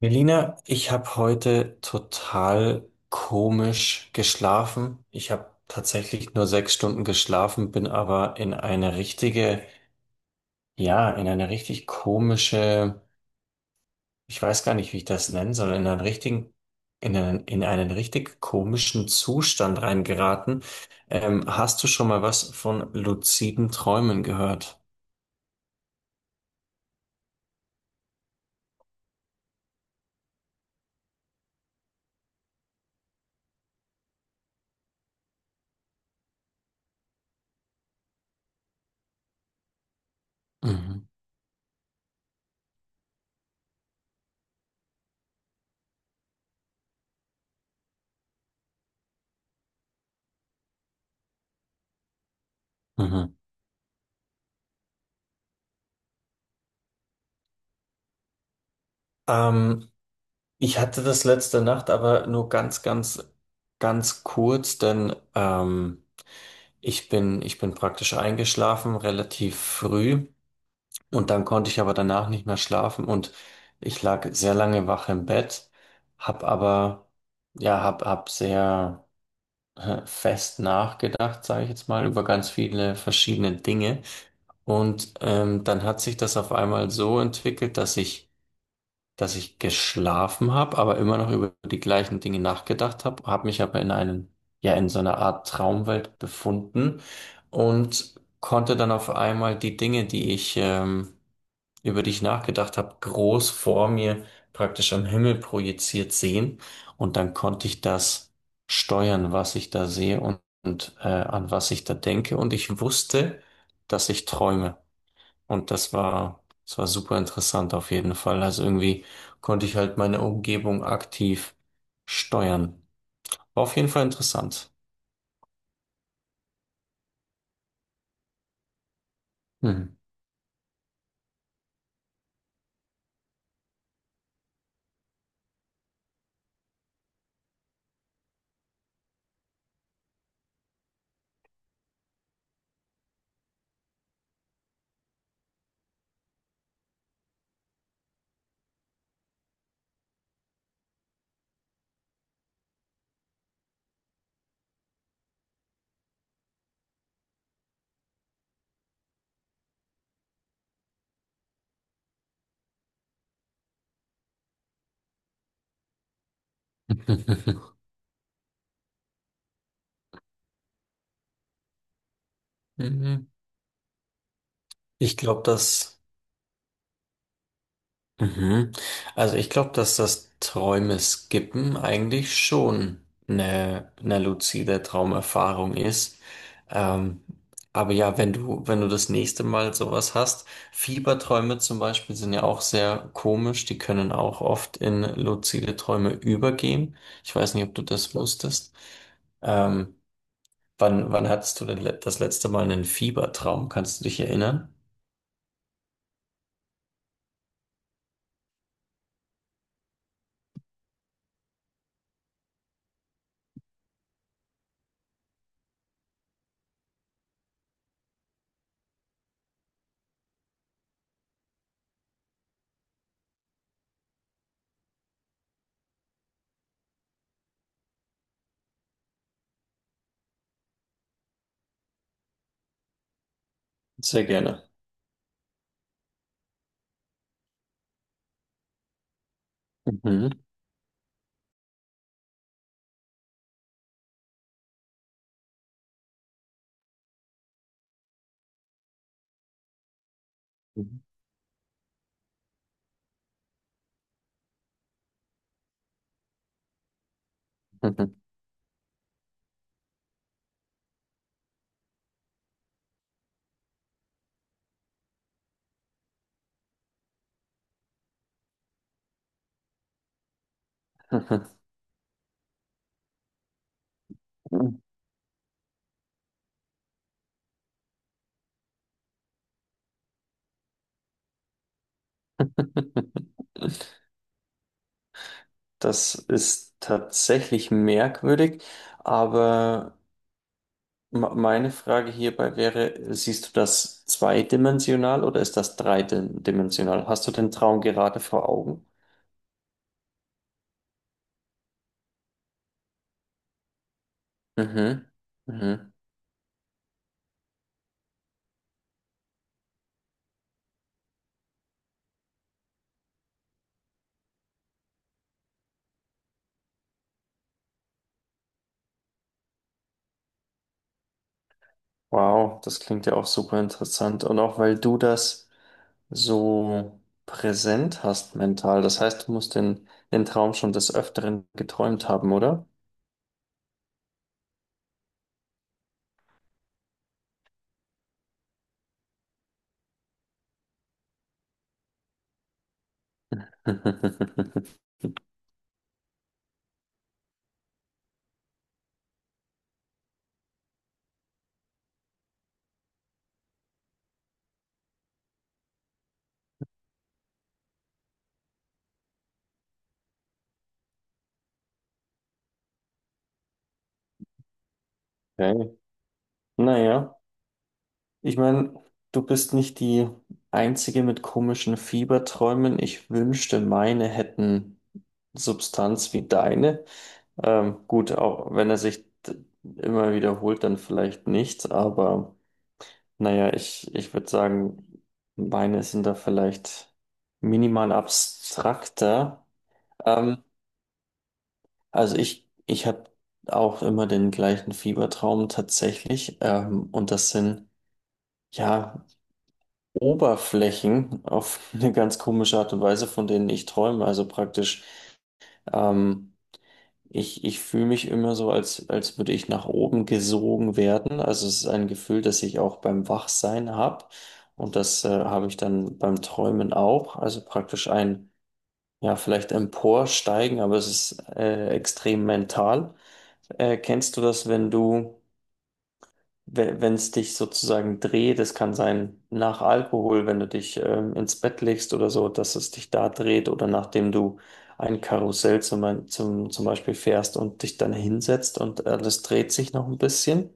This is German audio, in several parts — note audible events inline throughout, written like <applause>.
Melina, ich habe heute total komisch geschlafen. Ich habe tatsächlich nur 6 Stunden geschlafen, bin aber in eine richtig komische, ich weiß gar nicht, wie ich das nennen soll, in einen richtig komischen Zustand reingeraten. Hast du schon mal was von luziden Träumen gehört? Mhm. Mhm. Ähm, Ich hatte das letzte Nacht, aber nur ganz kurz, denn ich bin praktisch eingeschlafen, relativ früh, und dann konnte ich aber danach nicht mehr schlafen und ich lag sehr lange wach im Bett, hab aber, ja, hab, hab sehr fest nachgedacht, sage ich jetzt mal, über ganz viele verschiedene Dinge. Und dann hat sich das auf einmal so entwickelt, dass ich geschlafen habe, aber immer noch über die gleichen Dinge nachgedacht habe, habe mich aber in einen, ja, in so einer Art Traumwelt befunden und konnte dann auf einmal die Dinge, über die ich nachgedacht habe, groß vor mir praktisch am Himmel projiziert sehen. Und dann konnte ich das steuern, was ich da sehe und an was ich da denke. Und ich wusste, dass ich träume. Und das war super interessant auf jeden Fall. Also irgendwie konnte ich halt meine Umgebung aktiv steuern. War auf jeden Fall interessant. Hm. <laughs> Ich glaube, das. Mhm. Also ich glaube, dass das Träume skippen eigentlich schon eine luzide Traumerfahrung ist. Ähm, aber ja, wenn du das nächste Mal sowas hast, Fieberträume zum Beispiel sind ja auch sehr komisch, die können auch oft in luzide Träume übergehen. Ich weiß nicht, ob du das wusstest. Ähm, wann hattest du denn das letzte Mal einen Fiebertraum? Kannst du dich erinnern? Sehr gerne. Mhm. <laughs> Das ist tatsächlich merkwürdig, aber meine Frage hierbei wäre, siehst du das zweidimensional oder ist das dreidimensional? Hast du den Traum gerade vor Augen? Mhm. Mhm. Wow, das klingt ja auch super interessant. Und auch weil du das so präsent hast mental, das heißt, du musst den Traum schon des Öfteren geträumt haben, oder? <laughs> Okay. Naja. Ich meine, du bist nicht die Einzige mit komischen Fieberträumen. Ich wünschte, meine hätten Substanz wie deine. Gut, auch wenn er sich immer wiederholt, dann vielleicht nicht. Aber naja, ich würde sagen, meine sind da vielleicht minimal abstrakter. Ähm, also ich habe auch immer den gleichen Fiebertraum tatsächlich. Und das sind, ja. Oberflächen auf <laughs> eine ganz komische Art und Weise, von denen ich träume. Also praktisch, ähm, ich fühle mich immer so, als würde ich nach oben gesogen werden. Also es ist ein Gefühl, das ich auch beim Wachsein habe. Und das habe ich dann beim Träumen auch. Also praktisch ein, ja, vielleicht emporsteigen, aber es ist, extrem mental. Kennst du das, wenn du wenn es dich sozusagen dreht, es kann sein nach Alkohol, wenn du dich ins Bett legst oder so, dass es dich da dreht oder nachdem du ein Karussell zum Beispiel fährst und dich dann hinsetzt und alles dreht sich noch ein bisschen.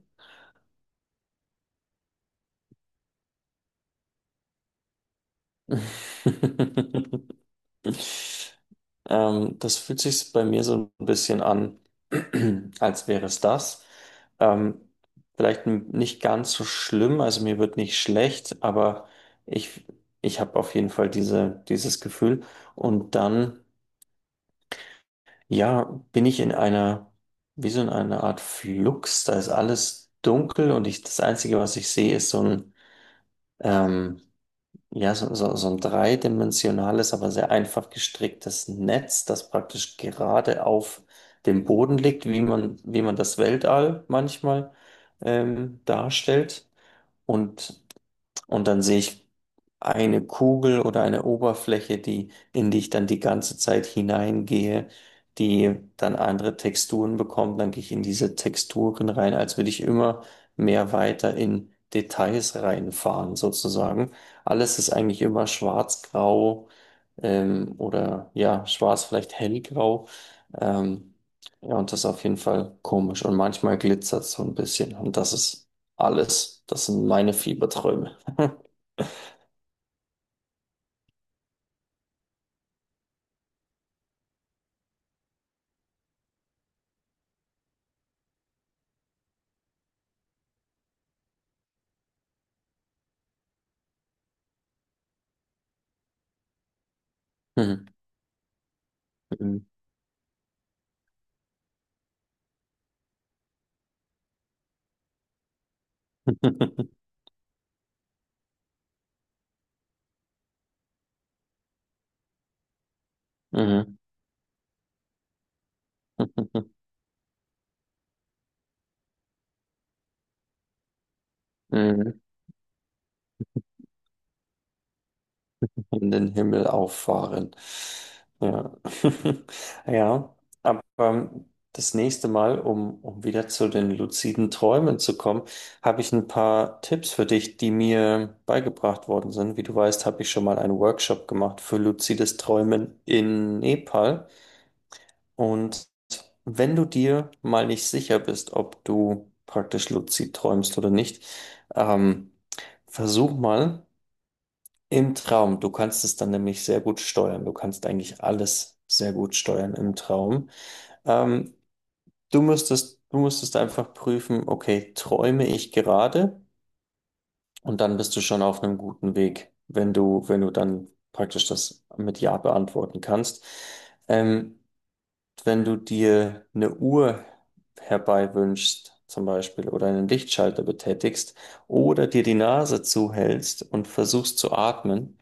<laughs> Das fühlt sich bei mir so ein bisschen an, <clears throat> als wäre es das. Ähm, vielleicht nicht ganz so schlimm, also mir wird nicht schlecht, aber ich, ich habe auf jeden Fall dieses Gefühl. Und dann, ja, bin ich in einer, wie so in einer Art Flux, da ist alles dunkel und ich, das Einzige, was ich sehe, ist so ein, ähm, so ein dreidimensionales, aber sehr einfach gestricktes Netz, das praktisch gerade auf dem Boden liegt, wie man das Weltall manchmal darstellt. Und und dann sehe ich eine Kugel oder eine Oberfläche, die, in die ich dann die ganze Zeit hineingehe, die dann andere Texturen bekommt. Dann gehe ich in diese Texturen rein, als würde ich immer mehr weiter in Details reinfahren, sozusagen. Alles ist eigentlich immer schwarz-grau, oder ja, schwarz, vielleicht hellgrau. Ähm, ja, und das ist auf jeden Fall komisch. Und manchmal glitzert es so ein bisschen. Und das ist alles. Das sind meine Fieberträume. Mhm. <laughs> Mhm. Mhm. In den Himmel auffahren. Ja. <laughs> Ja, aber das nächste Mal, um wieder zu den luziden Träumen zu kommen, habe ich ein paar Tipps für dich, die mir beigebracht worden sind. Wie du weißt, habe ich schon mal einen Workshop gemacht für luzides Träumen in Nepal. Und wenn du dir mal nicht sicher bist, ob du praktisch luzid träumst oder nicht, ähm, versuch mal im Traum. Du kannst es dann nämlich sehr gut steuern. Du kannst eigentlich alles sehr gut steuern im Traum. Ähm, du müsstest einfach prüfen, okay, träume ich gerade? Und dann bist du schon auf einem guten Weg, wenn du dann praktisch das mit Ja beantworten kannst. Ähm, wenn du dir eine Uhr herbeiwünschst, zum Beispiel, oder einen Lichtschalter betätigst, oder dir die Nase zuhältst und versuchst zu atmen,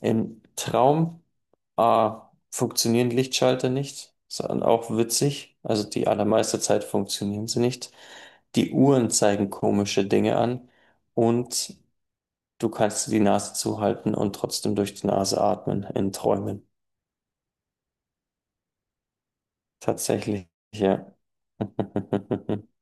im Traum A, funktionieren Lichtschalter nicht, sondern auch witzig, also die allermeiste Zeit funktionieren sie nicht. Die Uhren zeigen komische Dinge an und du kannst dir die Nase zuhalten und trotzdem durch die Nase atmen in Träumen. Tatsächlich, ja. <laughs>